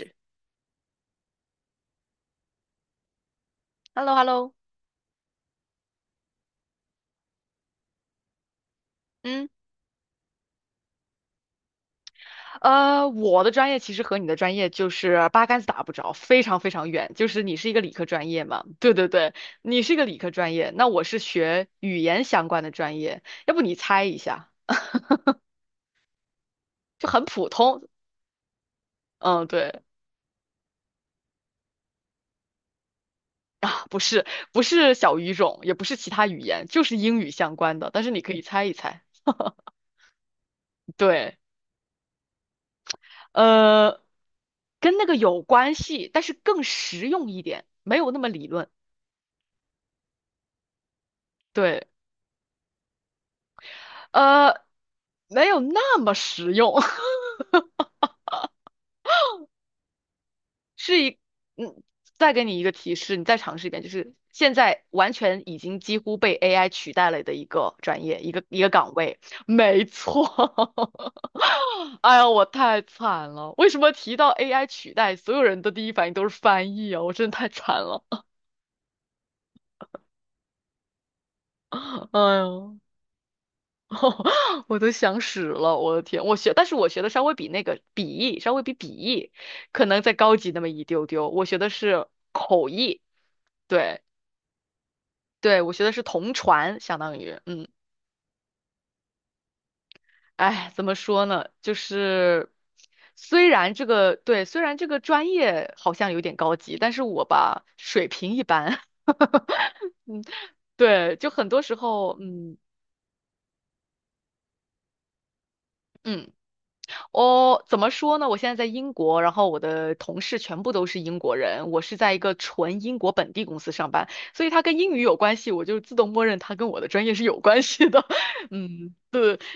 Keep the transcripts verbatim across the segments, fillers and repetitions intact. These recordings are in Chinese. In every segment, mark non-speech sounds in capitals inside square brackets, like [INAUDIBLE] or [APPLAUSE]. h e l l o h e l l o 嗯，呃，我的专业其实和你的专业就是八竿子打不着，非常非常远。就是你是一个理科专业嘛？对对对，你是一个理科专业，那我是学语言相关的专业。要不你猜一下，就很普通。嗯，对，不是，不是小语种，也不是其他语言，就是英语相关的。但是你可以猜一猜。对，呃，跟那个有关系，但是更实用一点，没有那么理论。对。呃，没有那么实用。[LAUGHS] 是一，嗯，再给你一个提示，你再尝试一遍，就是现在完全已经几乎被 A I 取代了的一个专业，一个一个岗位，没错。[LAUGHS] 哎呀，我太惨了！为什么提到 A I 取代，所有人的第一反应都是翻译啊？我真的太惨了。[LAUGHS] 哎呦，我都想死了，我的天！我学，但是我学的稍微比那个笔译，稍微比笔译可能再高级那么一丢丢。我学的是口译，对对，我学的是同传，相当于，嗯，哎，怎么说呢？就是虽然这个对，虽然这个专业好像有点高级，但是我吧水平一般。[LAUGHS] 对，就很多时候。嗯嗯，哦，怎么说呢？我现在在英国，然后我的同事全部都是英国人，我是在一个纯英国本地公司上班，所以它跟英语有关系，我就自动默认它跟我的专业是有关系的。[LAUGHS] 嗯。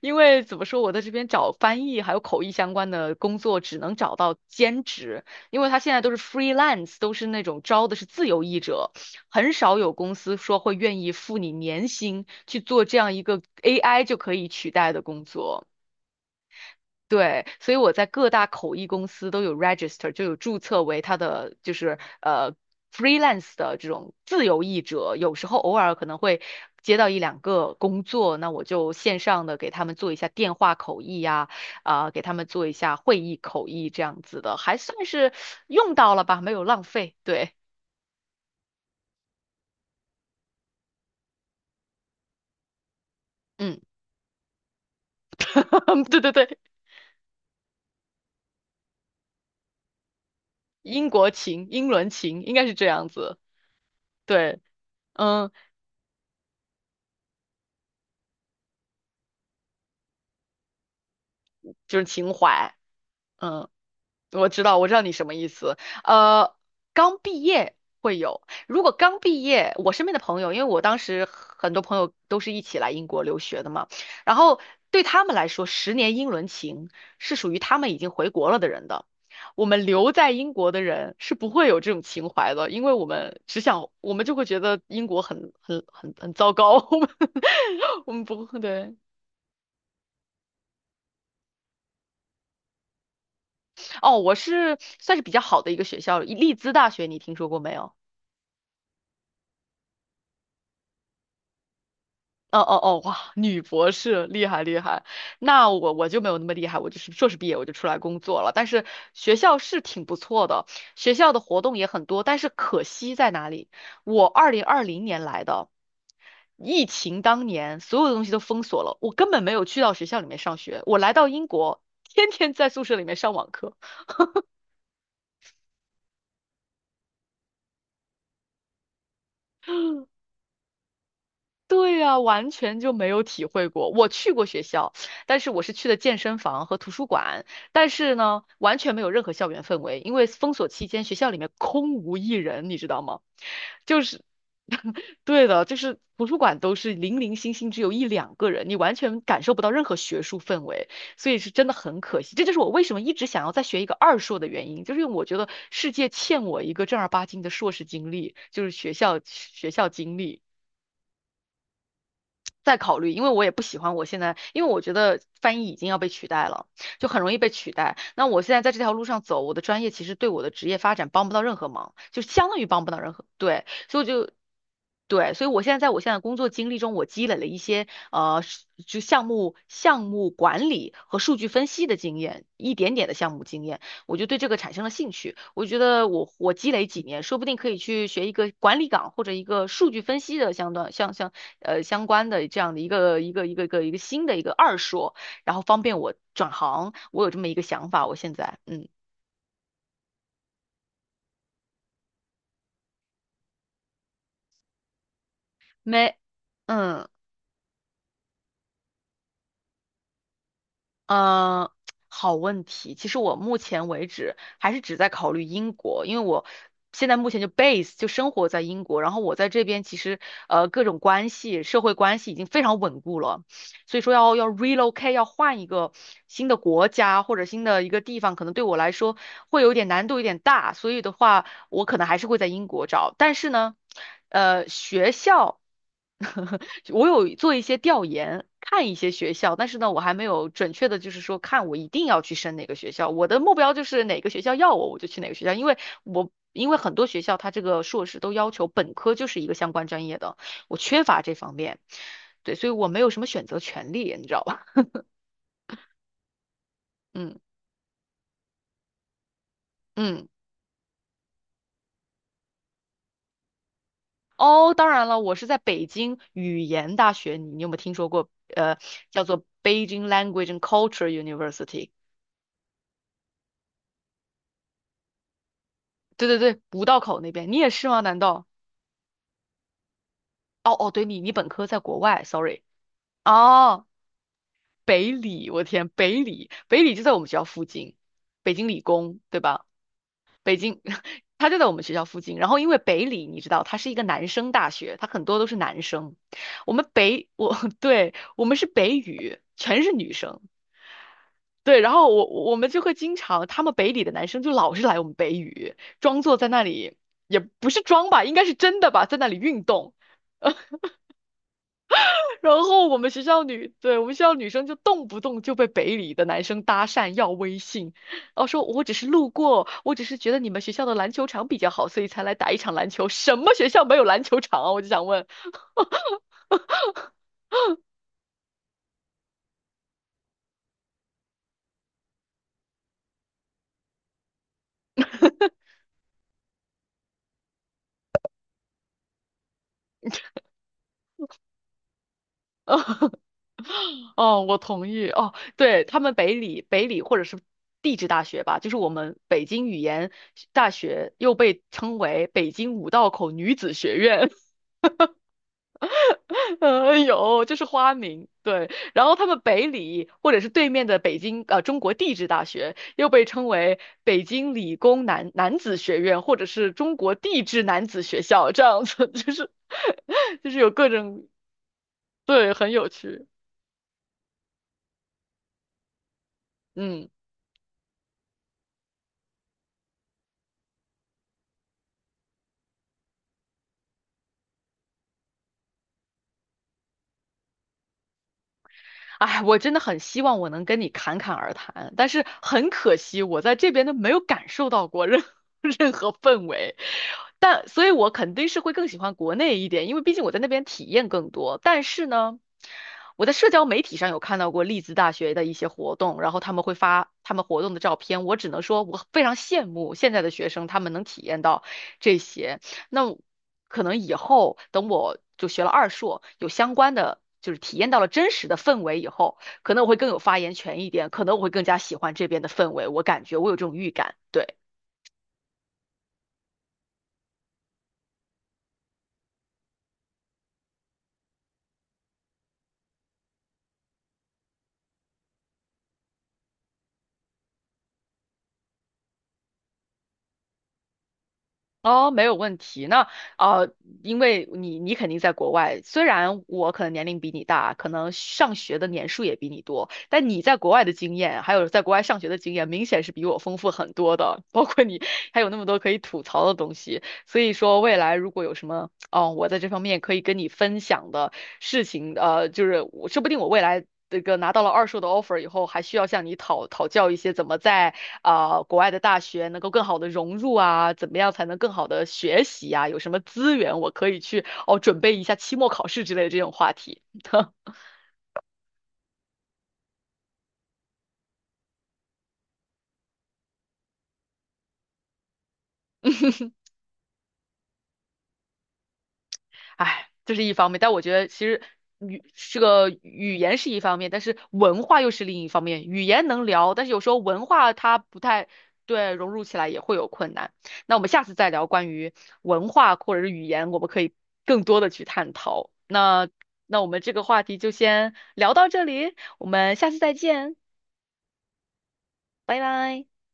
因为怎么说，我在这边找翻译还有口译相关的工作，只能找到兼职，因为他现在都是 freelance,都是那种招的是自由译者，很少有公司说会愿意付你年薪去做这样一个 A I 就可以取代的工作。对，所以我在各大口译公司都有 register,就有注册为他的就是呃 freelance 的这种自由译者。有时候偶尔可能会接到一两个工作，那我就线上的给他们做一下电话口译呀、啊，给他们做一下会议口译这样子的，还算是用到了吧，没有浪费。对。嗯。[LAUGHS] 对对对，英国情、英伦情应该是这样子。对。嗯，就是情怀。嗯。我知道，我知道你什么意思。呃，刚毕业会有，如果刚毕业，我身边的朋友，因为我当时很多朋友都是一起来英国留学的嘛，然后对他们来说，十年英伦情是属于他们已经回国了的人的。我们留在英国的人是不会有这种情怀的，因为我们只想，我们就会觉得英国很很很很糟糕。[LAUGHS] 我们我们不会，对。哦，我是算是比较好的一个学校，利兹大学，你听说过没有？哦哦哦，哇，女博士厉害厉害。那我我就没有那么厉害，我就是硕士毕业我就出来工作了。但是学校是挺不错的，学校的活动也很多，但是可惜在哪里？我二零二零年来的，疫情当年所有的东西都封锁了，我根本没有去到学校里面上学。我来到英国，天天在宿舍里面上网课。对呀，完全就没有体会过。我去过学校，但是我是去的健身房和图书馆，但是呢，完全没有任何校园氛围，因为封锁期间学校里面空无一人，你知道吗？就是，[LAUGHS] 对的，就是图书馆都是零零星星，只有一两个人，你完全感受不到任何学术氛围，所以是真的很可惜。这就是我为什么一直想要再学一个二硕的原因，就是因为我觉得世界欠我一个正儿八经的硕士经历，就是学校学校经历。再考虑，因为我也不喜欢我现在，因为我觉得翻译已经要被取代了，就很容易被取代。那我现在在这条路上走，我的专业其实对我的职业发展帮不到任何忙，就相当于帮不到任何，对，所以我就对，所以我现在在我现在的工作经历中，我积累了一些呃，是就项目项目管理和数据分析的经验，一点点的项目经验，我就对这个产生了兴趣。我觉得我我积累几年，说不定可以去学一个管理岗或者一个数据分析的相关相相呃相关的这样的一个一个一个一个一个新的一个二硕，然后方便我转行。我有这么一个想法，我现在嗯没嗯。呃，好问题。其实我目前为止还是只在考虑英国，因为我现在目前就 base 就生活在英国，然后我在这边其实呃各种关系、社会关系已经非常稳固了，所以说要要 relocate 要换一个新的国家或者新的一个地方，可能对我来说会有点难度，有点大，所以的话我可能还是会在英国找，但是呢，呃，学校。[LAUGHS] 我有做一些调研，看一些学校，但是呢，我还没有准确的，就是说看我一定要去升哪个学校。我的目标就是哪个学校要我，我就去哪个学校，因为我因为很多学校它这个硕士都要求本科就是一个相关专业的，我缺乏这方面，对，所以我没有什么选择权利，你知道吧？[LAUGHS] 嗯嗯。哦，当然了，我是在北京语言大学，你你有没有听说过？呃，叫做 Beijing Language and Culture University。对对对，五道口那边，你也是吗？难道？哦哦，对你，你本科在国外，sorry。哦，北理，我天，北理，北理就在我们学校附近，北京理工，对吧？北京，[LAUGHS] 它就在我们学校附近。然后因为北理，你知道，它是一个男生大学，它很多都是男生。我们北，我，[LAUGHS] 对，我们是北语，全是女生。对，然后我我们就会经常，他们北理的男生就老是来我们北语，装作在那里，也不是装吧，应该是真的吧，在那里运动。然后我们学校女，对，我们学校女生就动不动就被北理的男生搭讪要微信，然后说我只是路过，我只是觉得你们学校的篮球场比较好，所以才来打一场篮球。什么学校没有篮球场啊？我就想问。[LAUGHS] 哦，我同意。哦，对，他们北理、北理或者是地质大学吧，就是我们北京语言大学，又被称为北京五道口女子学院。[LAUGHS] 呃，有，这是花名，对。然后他们北理或者是对面的北京呃中国地质大学，又被称为北京理工男男子学院，或者是中国地质男子学校，这样子就是 [LAUGHS] 就是有各种。对，很有趣。嗯。哎，我真的很希望我能跟你侃侃而谈，但是很可惜，我在这边都没有感受到过任 [LAUGHS] 任何氛围。但所以，我肯定是会更喜欢国内一点，因为毕竟我在那边体验更多。但是呢，我在社交媒体上有看到过利兹大学的一些活动，然后他们会发他们活动的照片，我只能说我非常羡慕现在的学生，他们能体验到这些。那我可能以后等我就学了二硕，有相关的，就是体验到了真实的氛围以后，可能我会更有发言权一点，可能我会更加喜欢这边的氛围，我感觉我有这种预感，对。哦，没有问题。那呃，因为你你肯定在国外，虽然我可能年龄比你大，可能上学的年数也比你多，但你在国外的经验，还有在国外上学的经验，明显是比我丰富很多的。包括你还有那么多可以吐槽的东西，所以说未来如果有什么哦，我在这方面可以跟你分享的事情，呃，就是我说不定我未来这个拿到了二硕的 offer 以后，还需要向你讨讨教一些怎么在啊、国外的大学能够更好的融入啊，怎么样才能更好的学习啊，有什么资源我可以去哦准备一下期末考试之类的这种话题。[LAUGHS] 哎，这是一方面，但我觉得其实语这个语言是一方面，但是文化又是另一方面。语言能聊，但是有时候文化它不太对，融入起来也会有困难。那我们下次再聊关于文化或者是语言，我们可以更多的去探讨。那那我们这个话题就先聊到这里，我们下次再见，拜拜。